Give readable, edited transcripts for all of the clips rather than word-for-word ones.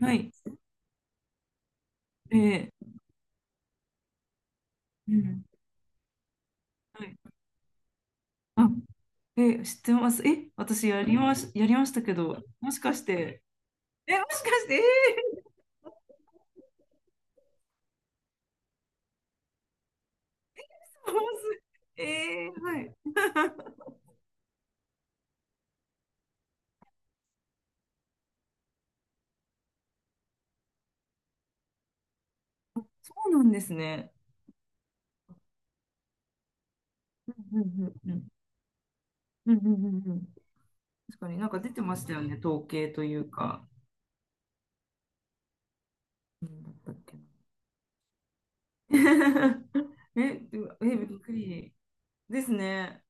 はい。ええ、うん。はい。あ、ええ、知ってます。え、私やりましたけど、もしかして、ええそうすえー、はい。そうなんですね。うんうんうんうん。うんうんうんうん。確かになんか出てましたよね、統計というか。なんだったっけな。え、でもびっくりですね。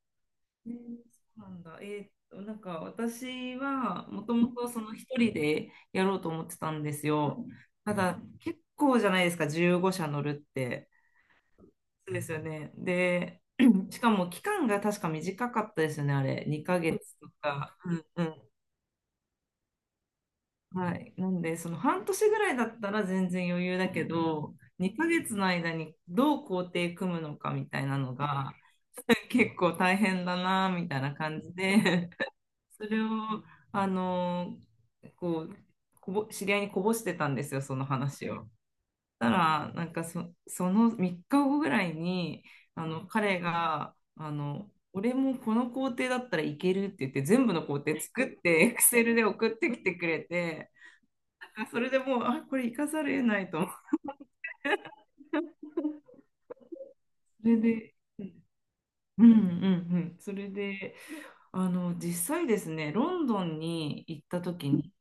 えーそうなんだ。なんか私はもともとその一人でやろうと思ってたんですよ。ただ結構じゃないですか、15社乗るって。そうですよね。で、しかも期間が確か短かったですよね、あれ。2ヶ月とか。うんうん。はい。なんで、その半年ぐらいだったら全然余裕だけど、2ヶ月の間にどう工程組むのかみたいなのが 結構大変だなみたいな感じで、それを、あの、こう、知り合いにこぼしてたんですよ、その話を。たら、なんかその3日後ぐらいに、彼が、俺もこの工程だったらいけるって言って、全部の工程作って、エクセルで送ってきてくれて、それでもう、あ、これ生かされないと思う。それで、うんうんうん。それで、実際ですね、ロンドンに行った時に、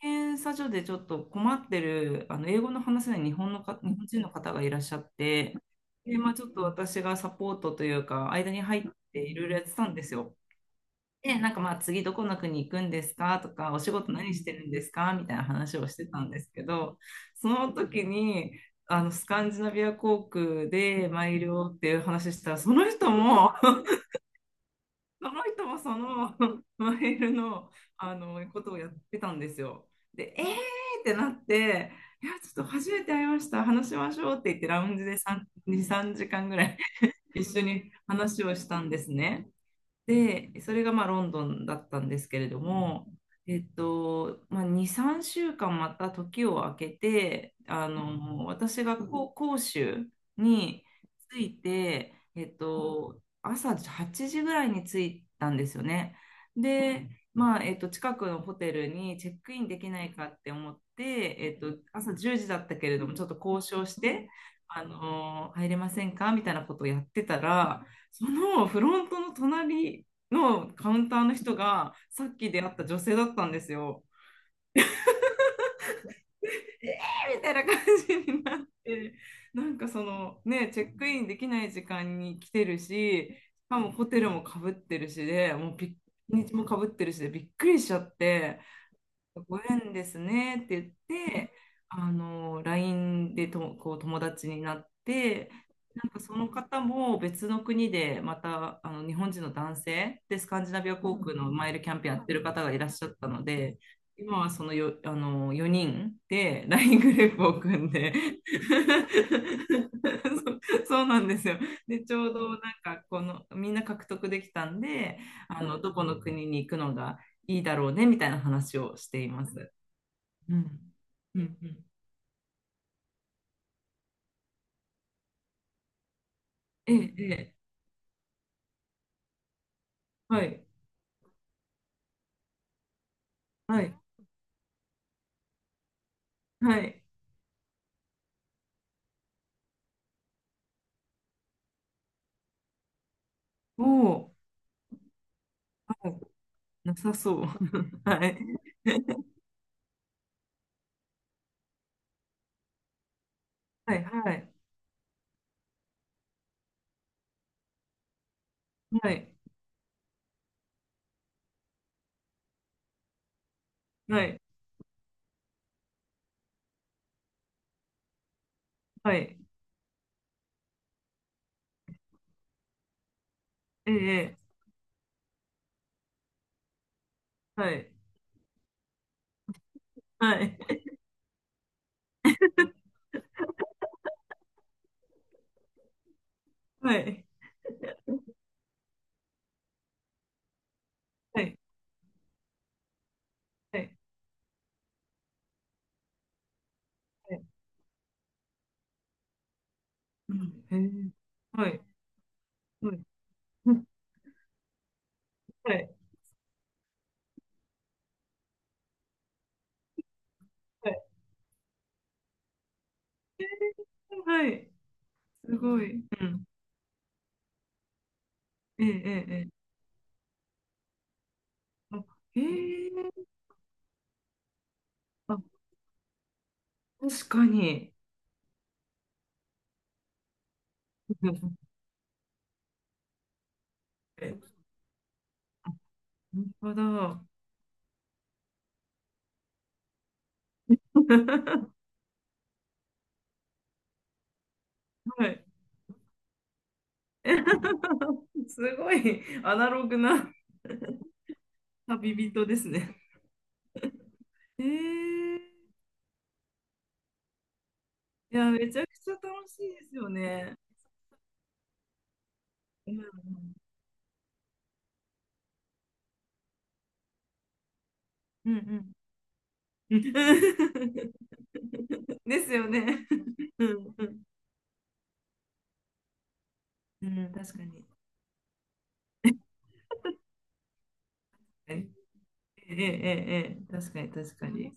検査所でちょっと困ってる、英語の話せない日本人の方がいらっしゃって、で、まあ、ちょっと私がサポートというか、間に入っていろいろやってたんですよ。で、なんかまあ次どこの国行くんですかとか、お仕事何してるんですかみたいな話をしてたんですけど、その時に、あのスカンジナビア航空でマイルをっていう話したら、その人も その人もその マイルの、あのことをやってたんですよ。で、えーってなって、いや、ちょっと初めて会いました、話しましょうって言って、ラウンジで3、2、3時間ぐらい 一緒に話をしたんですね。で、それがまあロンドンだったんですけれども、まあ、2、3週間また時を空けて、私が杭州に着いて、朝8時ぐらいに着いたんですよね。で、まあ、近くのホテルにチェックインできないかって思って、朝10時だったけれども、ちょっと交渉して、入れませんかみたいなことをやってたら、そのフロントの隣のカウンターの人がさっき出会った女性だったんですよ。えーみたいな感じになって、なんかそのね、チェックインできない時間に来てるし、しかもホテルもかぶってるし、でもう日にちもかぶってるし、でびっくりしちゃって、ご縁ですねって言って、LINE でこう友達になって、なんかその方も別の国でまたあの日本人の男性でスカンジナビア航空のマイルキャンペーンやってる方がいらっしゃったので、今はそのよ、あの4人で LINE グループを組んで そう、そうなんですよ。で、ちょうどなんかこのみんな獲得できたんで、あのどこの国に行くのがいいだろうねみたいな話をしています。うん。うんうん。ええ、ええ。はい、はい、はい。おお、はい、なさそう。はい、はい、はい、はい、はい、はい。ええ、ええ。はい、はい、はい、はい、はい、はい。うん、へえ。はい、はい。うん、はい、はい、はい。すごい。うん、ええ、ええ、ええ。あ、へえ。あ、確かに。え、本当だ。はい。すごいアナログな。 旅人ですね。えー、いや、めちゃくちゃ楽しいですよね。うんうんうんうん。ですよね。うんうん、うん、確かに。ええええええ、確かに、確かに。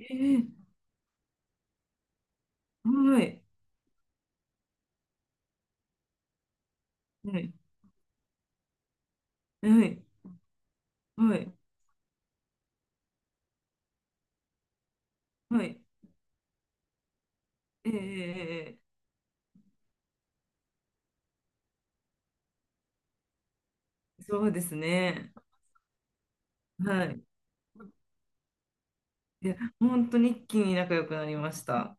ええ、はい、はい、はい、はい、はい。ええええええ、そうですね。はい。いや、本当に一気に仲良くなりました。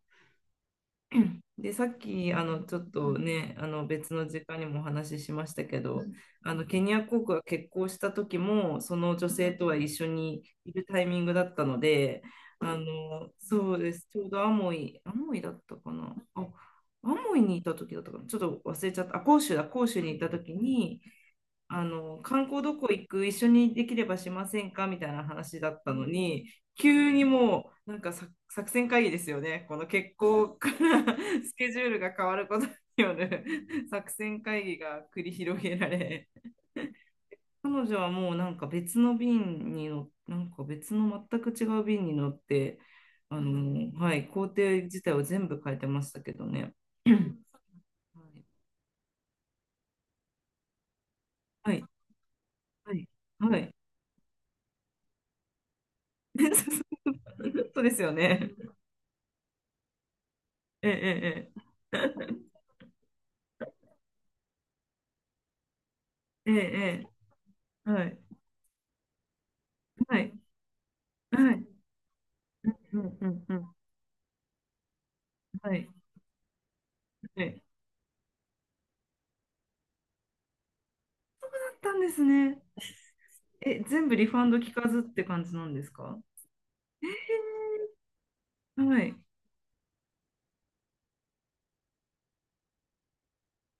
で、さっき、ちょっとね、別の時間にもお話ししましたけど、ケニア国が結婚した時も、その女性とは一緒にいるタイミングだったので、そうです。ちょうどアモイだったかな。あ、アモイにいた時だったかな。ちょっと忘れちゃった。あ、広州だ、広州にいた時に、観光どこ行く、一緒にできればしませんかみたいな話だったのに、急にもう、なんかさ作戦会議ですよね。この決行から スケジュールが変わることによる 作戦会議が繰り広げられ、彼女はもうなんか別の便になんか別の全く違う便に乗って、はい、工程自体を全部変えてましたけどね。はい、はい、はい、はい。そうですよね。ええええ ええええ。はい。はい。はい。うんうんうん。はい。はい。だったんですね。え、全部リファンド聞かずって感じなんですか？はい。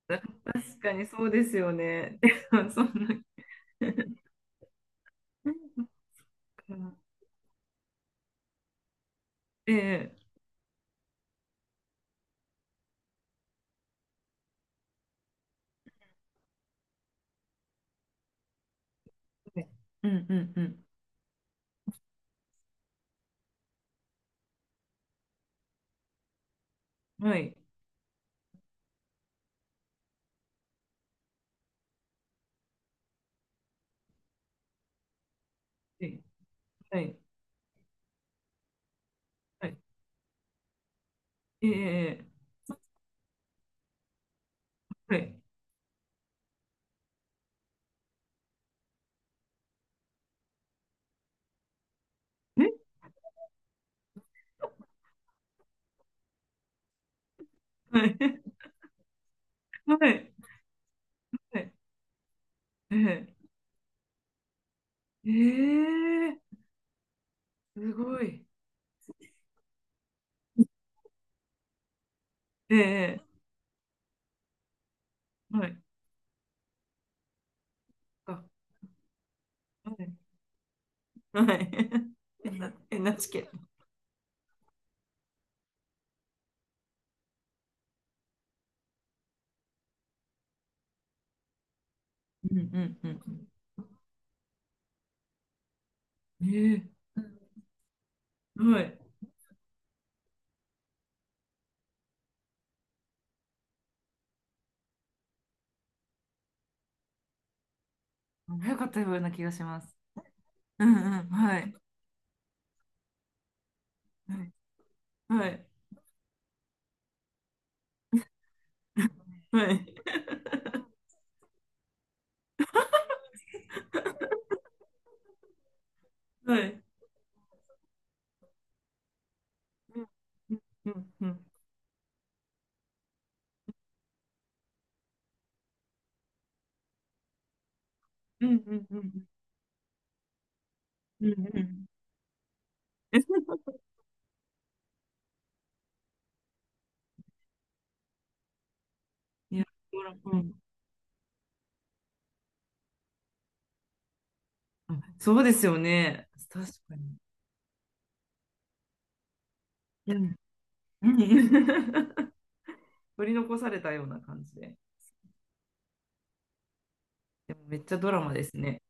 確かにそうですよね。そんな。ええ、はい。うんうんうん。はい。えはい。はい。ええ、はい。ね、はい。はい。はい。ええええ、すごい。ええ、はい。はい。はい。うえな、NHK。うんうんうんうん、ええ、うん、はい。早かったような気がします。うんうん、はい。はい。はい。はい。はい、うんうんうんうんうんうんうんうんうん。いや、ほら、うん。あ、そうですよね。確かに。うん。うん うん、取り残されたような感じで。でもめっちゃドラマですね。